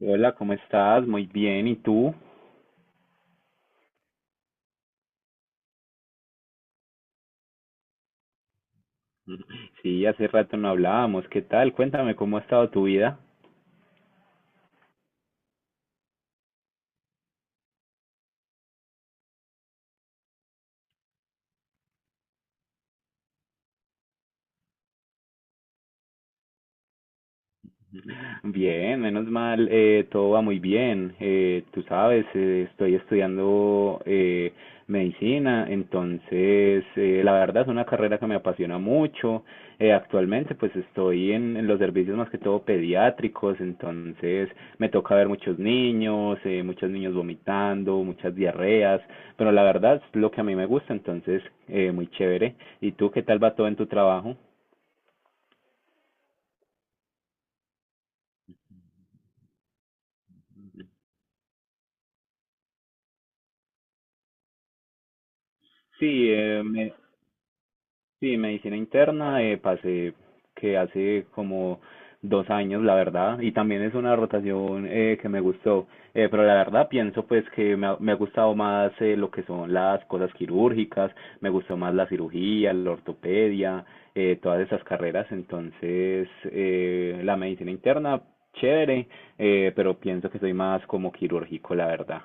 Hola, ¿cómo estás? Muy bien, ¿y tú? Sí, hace rato no hablábamos. ¿Qué tal? Cuéntame cómo ha estado tu vida. Bien, menos mal, todo va muy bien. Tú sabes, estoy estudiando medicina, entonces la verdad es una carrera que me apasiona mucho. Actualmente pues estoy en los servicios más que todo pediátricos, entonces me toca ver muchos niños vomitando, muchas diarreas, pero la verdad es lo que a mí me gusta, entonces muy chévere. ¿Y tú qué tal va todo en tu trabajo? Sí, sí, medicina interna, pasé que hace como 2 años, la verdad, y también es una rotación que me gustó, pero la verdad pienso pues que me ha gustado más lo que son las cosas quirúrgicas, me gustó más la cirugía, la ortopedia, todas esas carreras, entonces la medicina interna, chévere, pero pienso que soy más como quirúrgico, la verdad.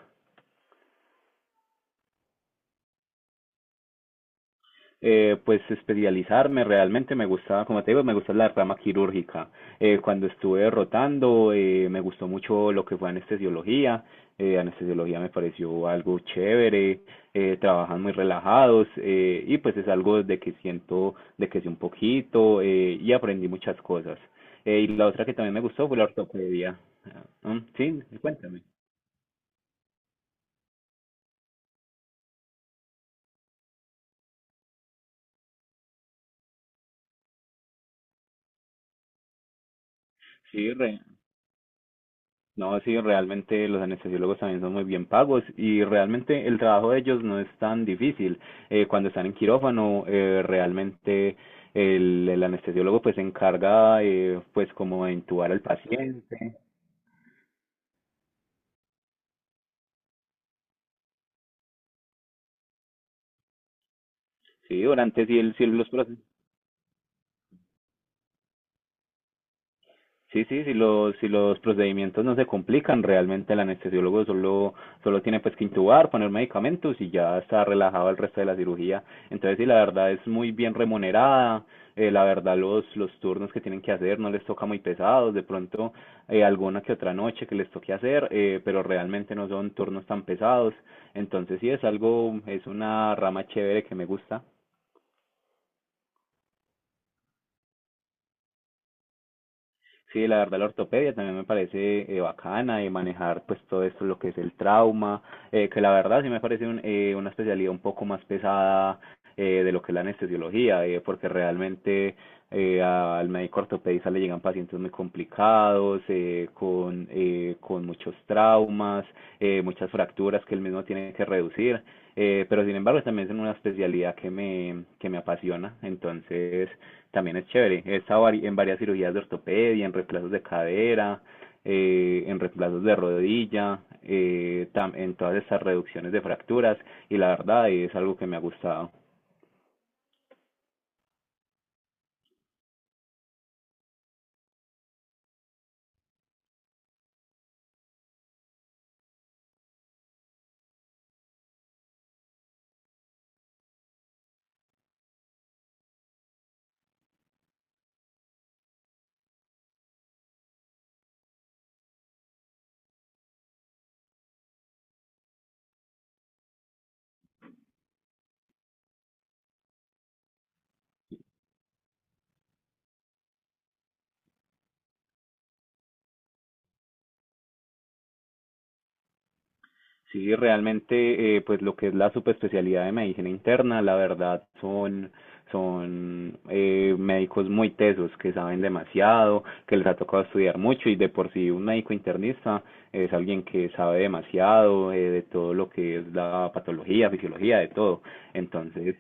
Pues especializarme realmente me gustaba, como te digo, me gusta la rama quirúrgica. Cuando estuve rotando, me gustó mucho lo que fue anestesiología. Anestesiología me pareció algo chévere, trabajan muy relajados y pues es algo de que siento, de que sé un poquito y aprendí muchas cosas. Y la otra que también me gustó fue la ortopedia. Ah, mm, sí, cuéntame. No, sí, realmente los anestesiólogos también son muy bien pagos y realmente el trabajo de ellos no es tan difícil. Cuando están en quirófano, realmente el anestesiólogo pues se encarga pues como de intubar al paciente. Sí, durante si, el, si los procesos. Sí, sí, si los procedimientos no se complican, realmente el anestesiólogo solo tiene pues que intubar, poner medicamentos y ya está relajado el resto de la cirugía. Entonces, sí, la verdad es muy bien remunerada, la verdad los turnos que tienen que hacer no les toca muy pesados, de pronto alguna que otra noche que les toque hacer, pero realmente no son turnos tan pesados. Entonces, sí, es algo, es una rama chévere que me gusta. Sí, la verdad, la ortopedia también me parece bacana y manejar pues todo esto, lo que es el trauma, que la verdad sí me parece una especialidad un poco más pesada de lo que es la anestesiología, porque realmente al médico ortopedista le llegan pacientes muy complicados, con muchos traumas, muchas fracturas que él mismo tiene que reducir, pero sin embargo también es una especialidad que me apasiona, entonces también es chévere. He estado en varias cirugías de ortopedia, en reemplazos de cadera, en reemplazos de rodilla, en todas estas reducciones de fracturas y la verdad es algo que me ha gustado. Sí, realmente, pues lo que es la subespecialidad de medicina interna, la verdad, son médicos muy tesos, que saben demasiado, que les ha tocado estudiar mucho y de por sí un médico internista es alguien que sabe demasiado de todo lo que es la patología, fisiología, de todo. Entonces,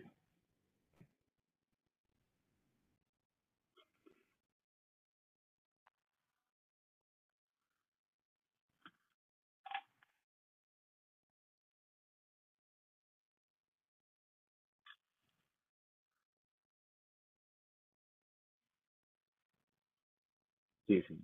sí, sí.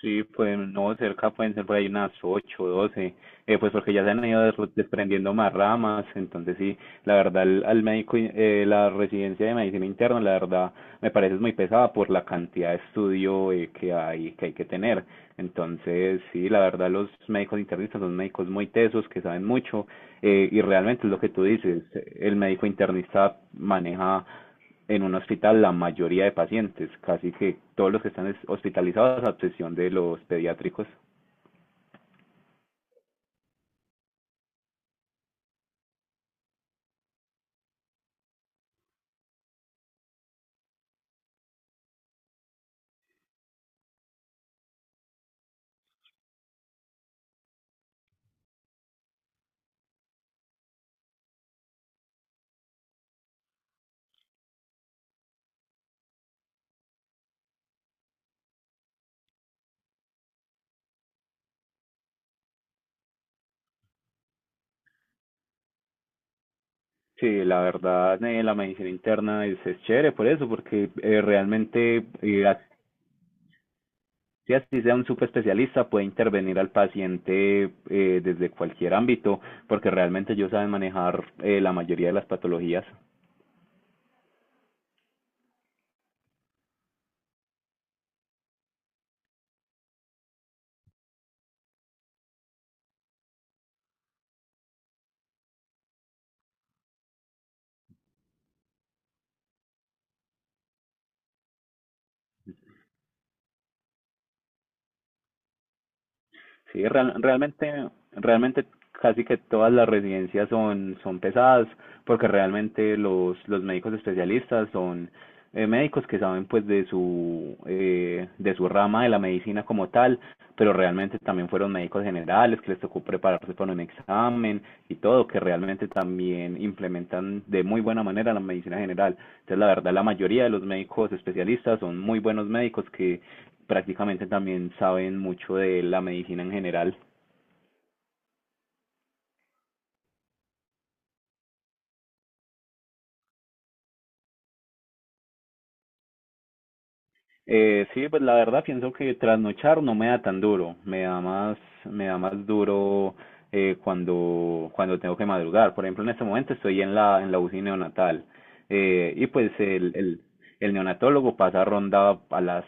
Sí, pues no, cerca pueden ser por ahí unas 8 12 pues porque ya se han ido desprendiendo más ramas, entonces sí, la verdad, al médico, la residencia de medicina interna, la verdad, me parece es muy pesada por la cantidad de estudio que hay, que hay que tener. Entonces, sí, la verdad, los médicos internistas son médicos muy tesos, que saben mucho, y realmente es lo que tú dices, el médico internista maneja en un hospital la mayoría de pacientes, casi que todos los que están hospitalizados, a excepción de los pediátricos. Sí, la verdad, la medicina interna es chévere por eso, porque realmente, así sea un super especialista, puede intervenir al paciente desde cualquier ámbito, porque realmente ellos saben manejar la mayoría de las patologías. Sí, realmente casi que todas las residencias son pesadas, porque realmente los médicos especialistas son médicos que saben pues de su rama de la medicina como tal, pero realmente también fueron médicos generales que les tocó prepararse para un examen y todo, que realmente también implementan de muy buena manera la medicina general. Entonces, la verdad, la mayoría de los médicos especialistas son muy buenos médicos que prácticamente también saben mucho de la medicina en general. Sí, pues la verdad pienso que trasnochar no me da tan duro, me da más duro cuando tengo que madrugar. Por ejemplo, en este momento estoy en la UCI neonatal y pues el neonatólogo pasa ronda a las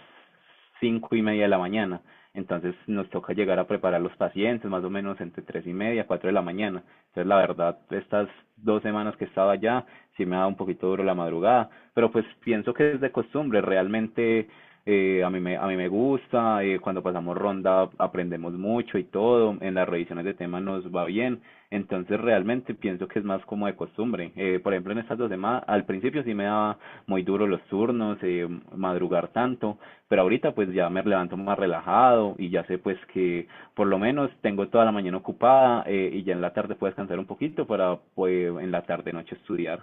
5:30 de la mañana. Entonces nos toca llegar a preparar los pacientes más o menos entre 3:30, 4 de la mañana. Entonces la verdad, estas dos semanas que estaba allá, sí me da un poquito duro la madrugada, pero pues pienso que es de costumbre, realmente a mí me gusta, cuando pasamos ronda aprendemos mucho y todo, en las revisiones de temas nos va bien, entonces realmente pienso que es más como de costumbre. Por ejemplo, en estas 2 semanas, al principio sí me daba muy duro los turnos, madrugar tanto, pero ahorita pues ya me levanto más relajado y ya sé pues que por lo menos tengo toda la mañana ocupada y ya en la tarde puedo descansar un poquito para pues en la tarde noche estudiar.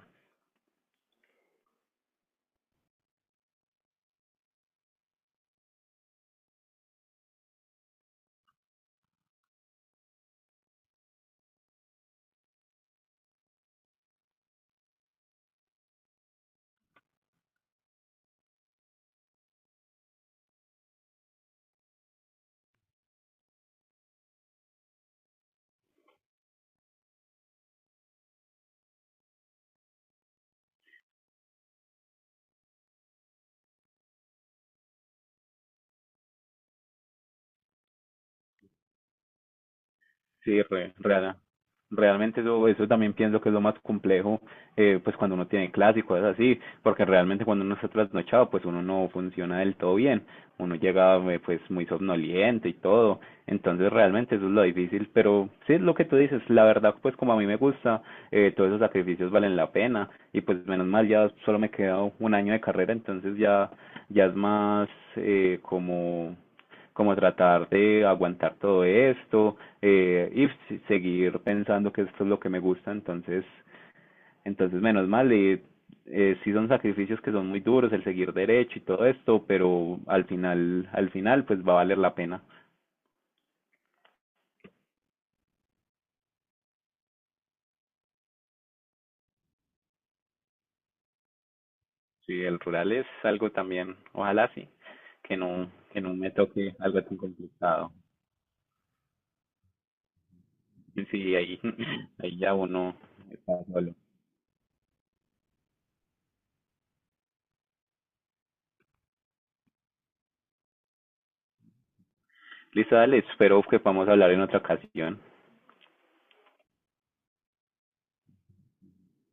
Sí, realmente eso también pienso que es lo más complejo, pues cuando uno tiene clases y cosas así, porque realmente cuando uno está trasnochado, pues uno no funciona del todo bien. Uno llega pues muy somnoliento y todo, entonces realmente eso es lo difícil, pero sí es lo que tú dices, la verdad pues como a mí me gusta, todos esos sacrificios valen la pena y pues menos mal ya solo me queda un año de carrera, entonces ya es más eh, como como tratar de aguantar todo esto y seguir pensando que esto es lo que me gusta, entonces, menos mal, y sí son sacrificios que son muy duros, el seguir derecho y todo esto, pero al final, pues va a valer la pena. Sí, el rural es algo también, ojalá sí, que no me toque algo tan complicado. Sí, ahí, ahí ya uno está solo. Listo, dale, espero que podamos hablar en otra ocasión.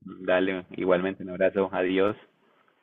Dale, igualmente un abrazo, adiós.